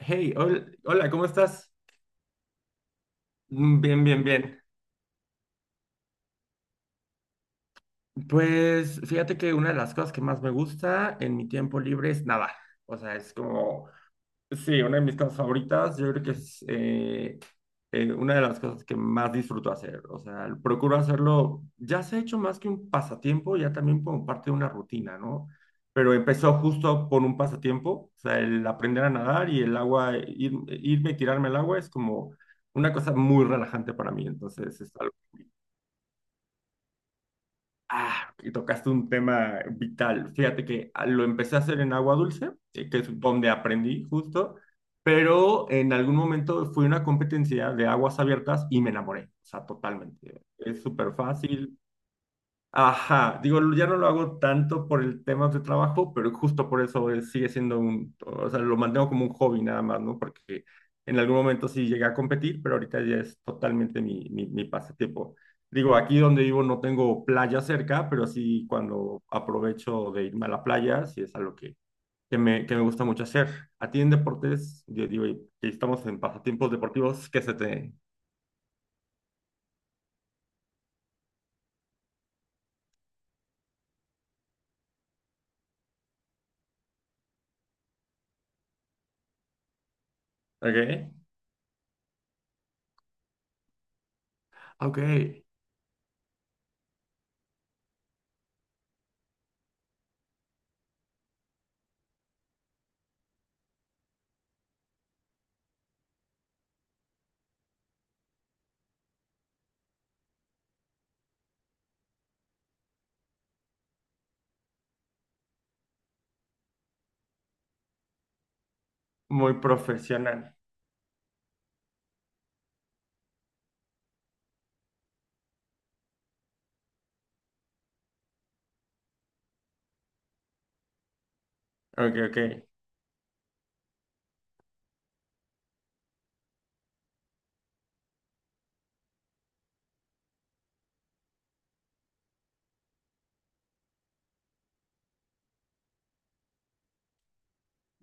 Hey, hola, ¿cómo estás? Bien, bien, bien. Pues fíjate que una de las cosas que más me gusta en mi tiempo libre es nadar. O sea, es como. Sí, una de mis cosas favoritas, yo creo que es una de las cosas que más disfruto hacer. O sea, procuro hacerlo, ya se ha hecho más que un pasatiempo, ya también como parte de una rutina, ¿no? Pero empezó justo por un pasatiempo, o sea, el aprender a nadar y el agua, irme y tirarme al agua es como una cosa muy relajante para mí. Entonces, es algo. Ah, y tocaste un tema vital. Fíjate que lo empecé a hacer en agua dulce, que es donde aprendí justo, pero en algún momento fui a una competencia de aguas abiertas y me enamoré, o sea, totalmente. Es súper fácil. Ajá, digo, ya no lo hago tanto por el tema de trabajo, pero justo por eso sigue siendo un, o sea, lo mantengo como un hobby nada más, ¿no? Porque en algún momento sí llegué a competir, pero ahorita ya es totalmente mi pasatiempo. Digo, aquí donde vivo no tengo playa cerca, pero sí cuando aprovecho de irme a la playa, sí es algo que, que me gusta mucho hacer. A ti en deportes, yo digo, y estamos en pasatiempos deportivos, ¿qué se te...? ¿Ok? Ok, muy profesional. Ok, ok.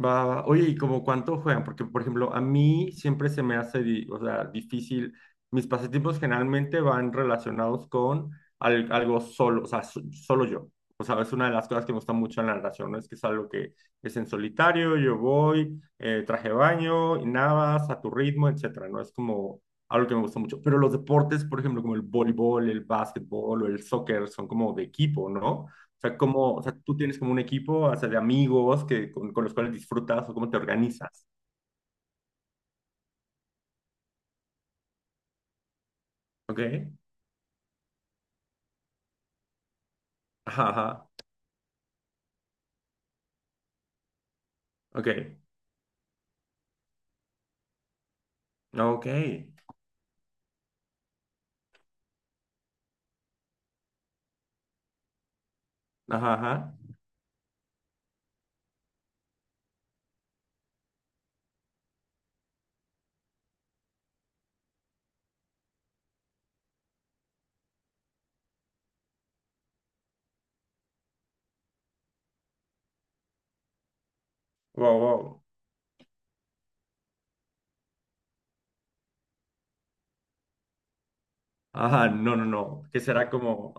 Va, va. Oye, ¿y como cuánto juegan? Porque, por ejemplo, a mí siempre se me hace, o sea, difícil. Mis pasatiempos generalmente van relacionados con algo solo, o sea, solo yo. O sea, es una de las cosas que me gusta mucho en la narración, ¿no? Es que es algo que es en solitario, yo voy, traje baño, y nadas a tu ritmo, etcétera, ¿no? Es como algo que me gusta mucho. Pero los deportes, por ejemplo, como el voleibol, el básquetbol o el soccer, son como de equipo, ¿no? O sea, cómo, o sea, tú tienes como un equipo, o sea, de amigos que, con los cuales disfrutas o cómo te organizas. ¿Ok? Ajá, ajá. Ok. Ok. Ajá, ajá. Wow, wow. Ajá, no, no, no. Que será como.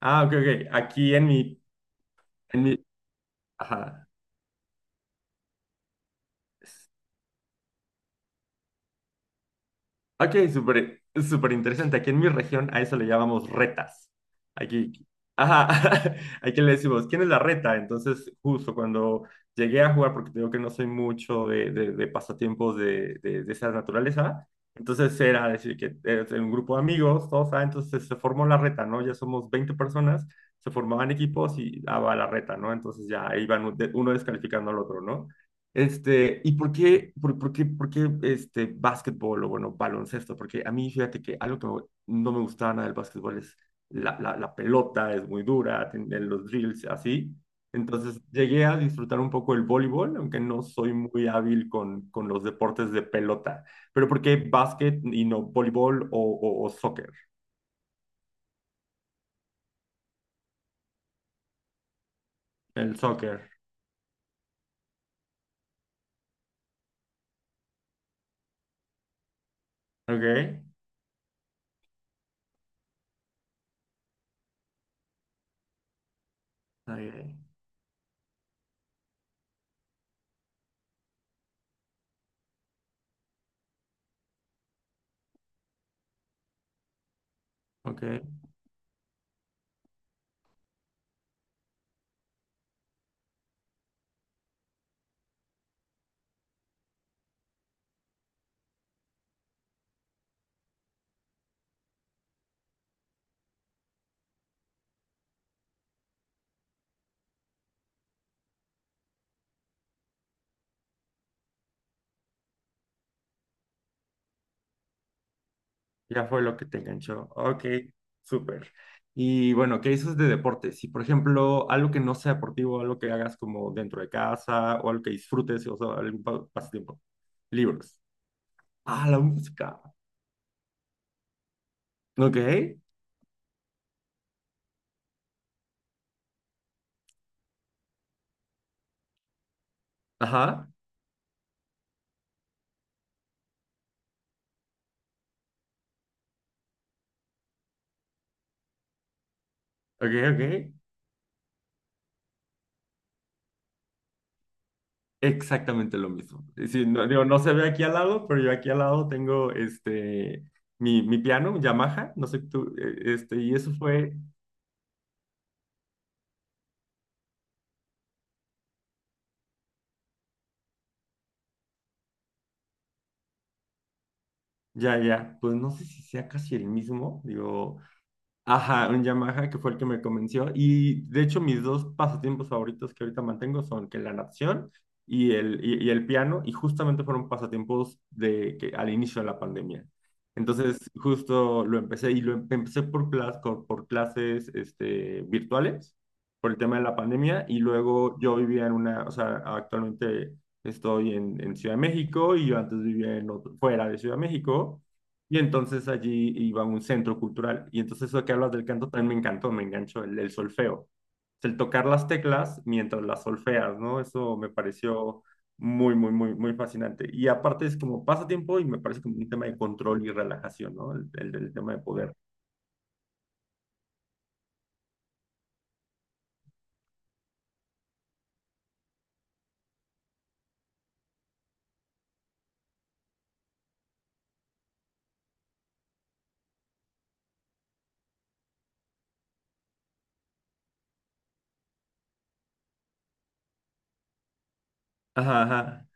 Ah, ok, ok. Aquí en mi. Ajá. Ok, súper, súper interesante. Aquí en mi región a eso le llamamos retas. Aquí, ajá, aquí le decimos, ¿quién es la reta? Entonces, justo cuando llegué a jugar, porque te digo que no soy mucho de pasatiempos de esa naturaleza, entonces era decir que eres un grupo de amigos, todos, ah, entonces se formó la reta, ¿no? Ya somos 20 personas, se formaban equipos y daba la reta, ¿no? Entonces ya iban uno descalificando al otro, ¿no? Este, ¿y por qué este, básquetbol o bueno, baloncesto? Porque a mí, fíjate que algo que no me gustaba nada del básquetbol es la pelota, es muy dura, tiene los drills, así. Entonces llegué a disfrutar un poco el voleibol, aunque no soy muy hábil con los deportes de pelota. Pero ¿por qué básquet y no voleibol o soccer? El soccer, ¿ok? Ok, ok. Ya fue lo que te enganchó. Ok, súper. Y bueno, ¿qué dices de deportes? Si, por ejemplo, algo que no sea deportivo, algo que hagas como dentro de casa o algo que disfrutes, o sea, algún pasatiempo. Libros. Ah, la música. Ok, ajá, ok, ok. Exactamente lo mismo. Sí, no, digo, no se ve aquí al lado, pero yo aquí al lado tengo este, mi piano, un Yamaha, no sé tú, este, y eso fue, ya, ya, pues no sé si sea casi el mismo, digo. Ajá, un Yamaha que fue el que me convenció. Y de hecho, mis dos pasatiempos favoritos que ahorita mantengo son que la natación y el piano, y justamente fueron pasatiempos de que al inicio de la pandemia. Entonces, justo lo empecé y lo empecé por, por clases este, virtuales, por el tema de la pandemia, y luego yo vivía en una, o sea, actualmente estoy en Ciudad de México y yo antes vivía en fuera de Ciudad de México. Y entonces allí iba a un centro cultural. Y entonces eso que hablas del canto también me encantó, me enganchó el solfeo. El tocar las teclas mientras las solfeas, ¿no? Eso me pareció muy, muy, muy, muy fascinante. Y aparte es como pasatiempo y me parece como un tema de control y relajación, ¿no? El tema de poder. Ajá, ajá.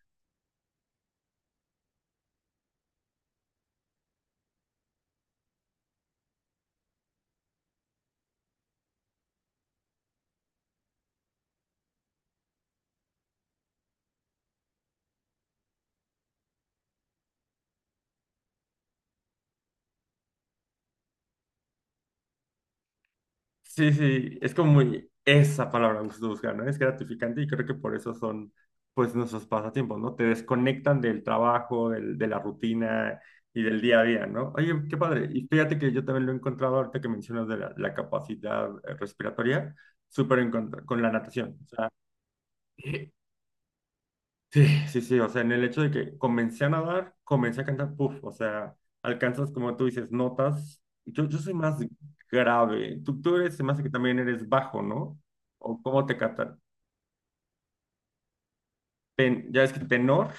Sí, sí, es como muy esa palabra que se busca, ¿no? Es gratificante y creo que por eso son, pues, nuestros pasatiempos, ¿no? Te desconectan del trabajo, de la rutina y del día a día, ¿no? Oye, qué padre. Y fíjate que yo también lo he encontrado ahorita que mencionas de la capacidad respiratoria, súper con la natación. O sea, sí, sí, sí, o sea, en el hecho de que comencé a nadar, comencé a cantar, puff, o sea, alcanzas, como tú dices, notas. Yo soy más grave, tú eres, se me hace que también eres bajo, ¿no? ¿O cómo te catan? Ya es que tenor,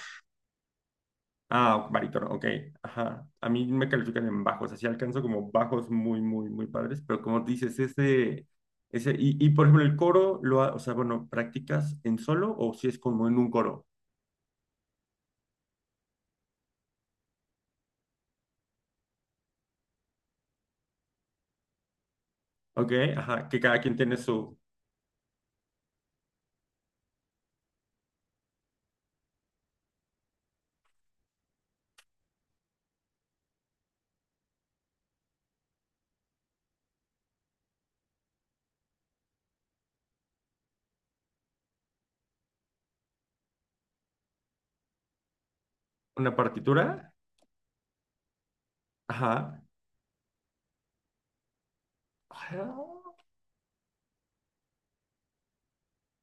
ah, barítono, ok, ajá. A mí me califican en bajos, así alcanzo como bajos muy, muy, muy padres, pero como dices, ese, y por ejemplo, el coro, o sea, bueno, ¿practicas en solo o si es como en un coro? Ok, ajá, que cada quien tiene una partitura. Ajá.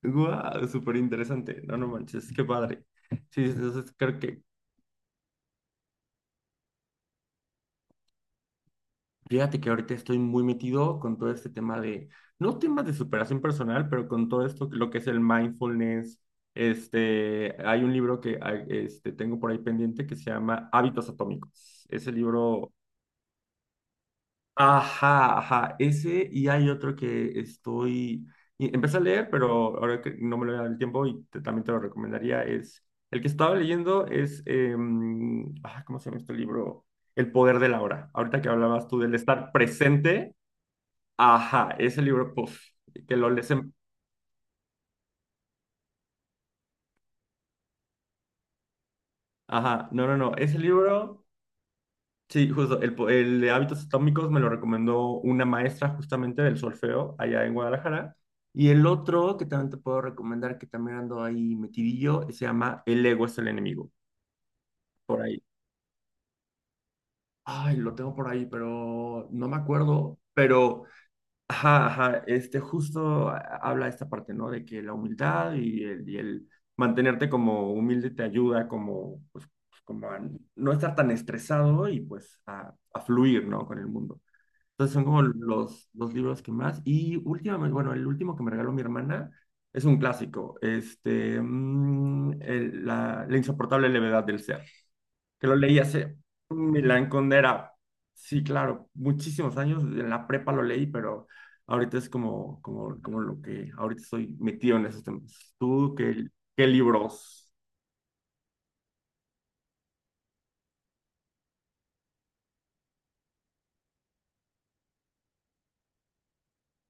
Wow, súper interesante. No, no manches, qué padre. Sí, entonces creo que, fíjate que ahorita estoy muy metido con todo este tema de, no temas de superación personal, pero con todo esto, lo que es el mindfulness. Este, hay un libro que este, tengo por ahí pendiente que se llama Hábitos Atómicos. Ese libro. Ajá, ajá, ese y hay otro que estoy, y empecé a leer, pero ahora que no me lo da el tiempo y también te lo recomendaría, es, el que estaba leyendo es, ¿cómo se llama este libro? El poder de la hora. Ahorita que hablabas tú del estar presente, ajá, ese libro, puff, que lo lees en, ajá, no, no, no, ese libro... Sí, justo, el de hábitos atómicos me lo recomendó una maestra justamente del solfeo allá en Guadalajara. Y el otro que también te puedo recomendar, que también ando ahí metidillo, se llama El ego es el enemigo, por ahí. Ay, lo tengo por ahí, pero no me acuerdo. Pero, ajá, ajá, este justo habla esta parte, ¿no? De que la humildad y el mantenerte como humilde te ayuda como, pues, pues, como a no estar tan estresado y pues a fluir, ¿no? Con el mundo. Entonces son como los libros que más. Y últimamente, bueno, el último que me regaló mi hermana es un clásico, La insoportable levedad del ser, que lo leí hace Milán Kundera. Sí, claro, muchísimos años, en la prepa lo leí, pero ahorita es como lo que ahorita estoy metido en esos temas. ¿Tú qué libros?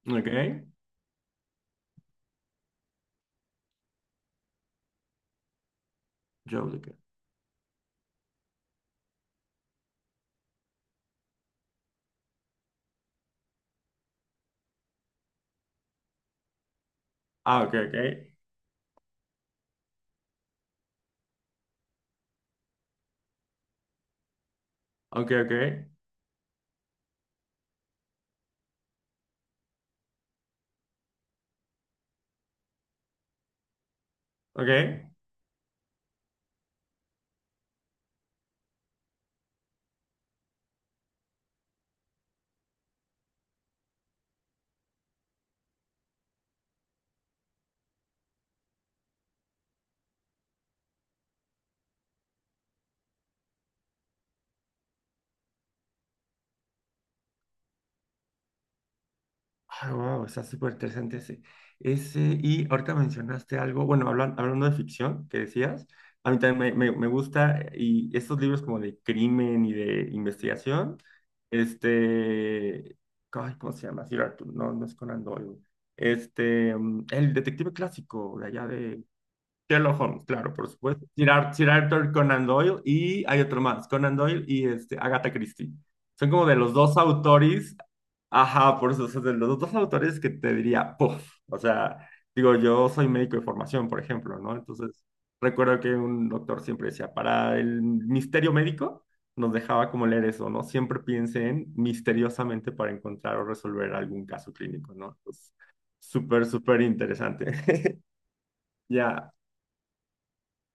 ¿Ok? Yo, ok. Ah, ok, ok. Ok, ok. Ok. Ah, wow, está súper interesante ese. Ese, y ahorita mencionaste algo, bueno, hablando de ficción que decías, a mí también me gusta, y estos libros como de crimen y de investigación, este, ay, ¿cómo se llama? Sir Arthur, no, no es Conan Doyle. Este, el detective clásico de allá de Sherlock Holmes, claro, por supuesto. Sir Arthur Conan Doyle y hay otro más, Conan Doyle y este, Agatha Christie. Son como de los dos autores, ajá, por eso, o sea, de los dos autores que te diría, puff, o sea, digo, yo soy médico de formación, por ejemplo, ¿no? Entonces, recuerdo que un doctor siempre decía, para el misterio médico, nos dejaba como leer eso, ¿no? Siempre piensen misteriosamente para encontrar o resolver algún caso clínico, ¿no? Entonces, súper, súper interesante. Ya,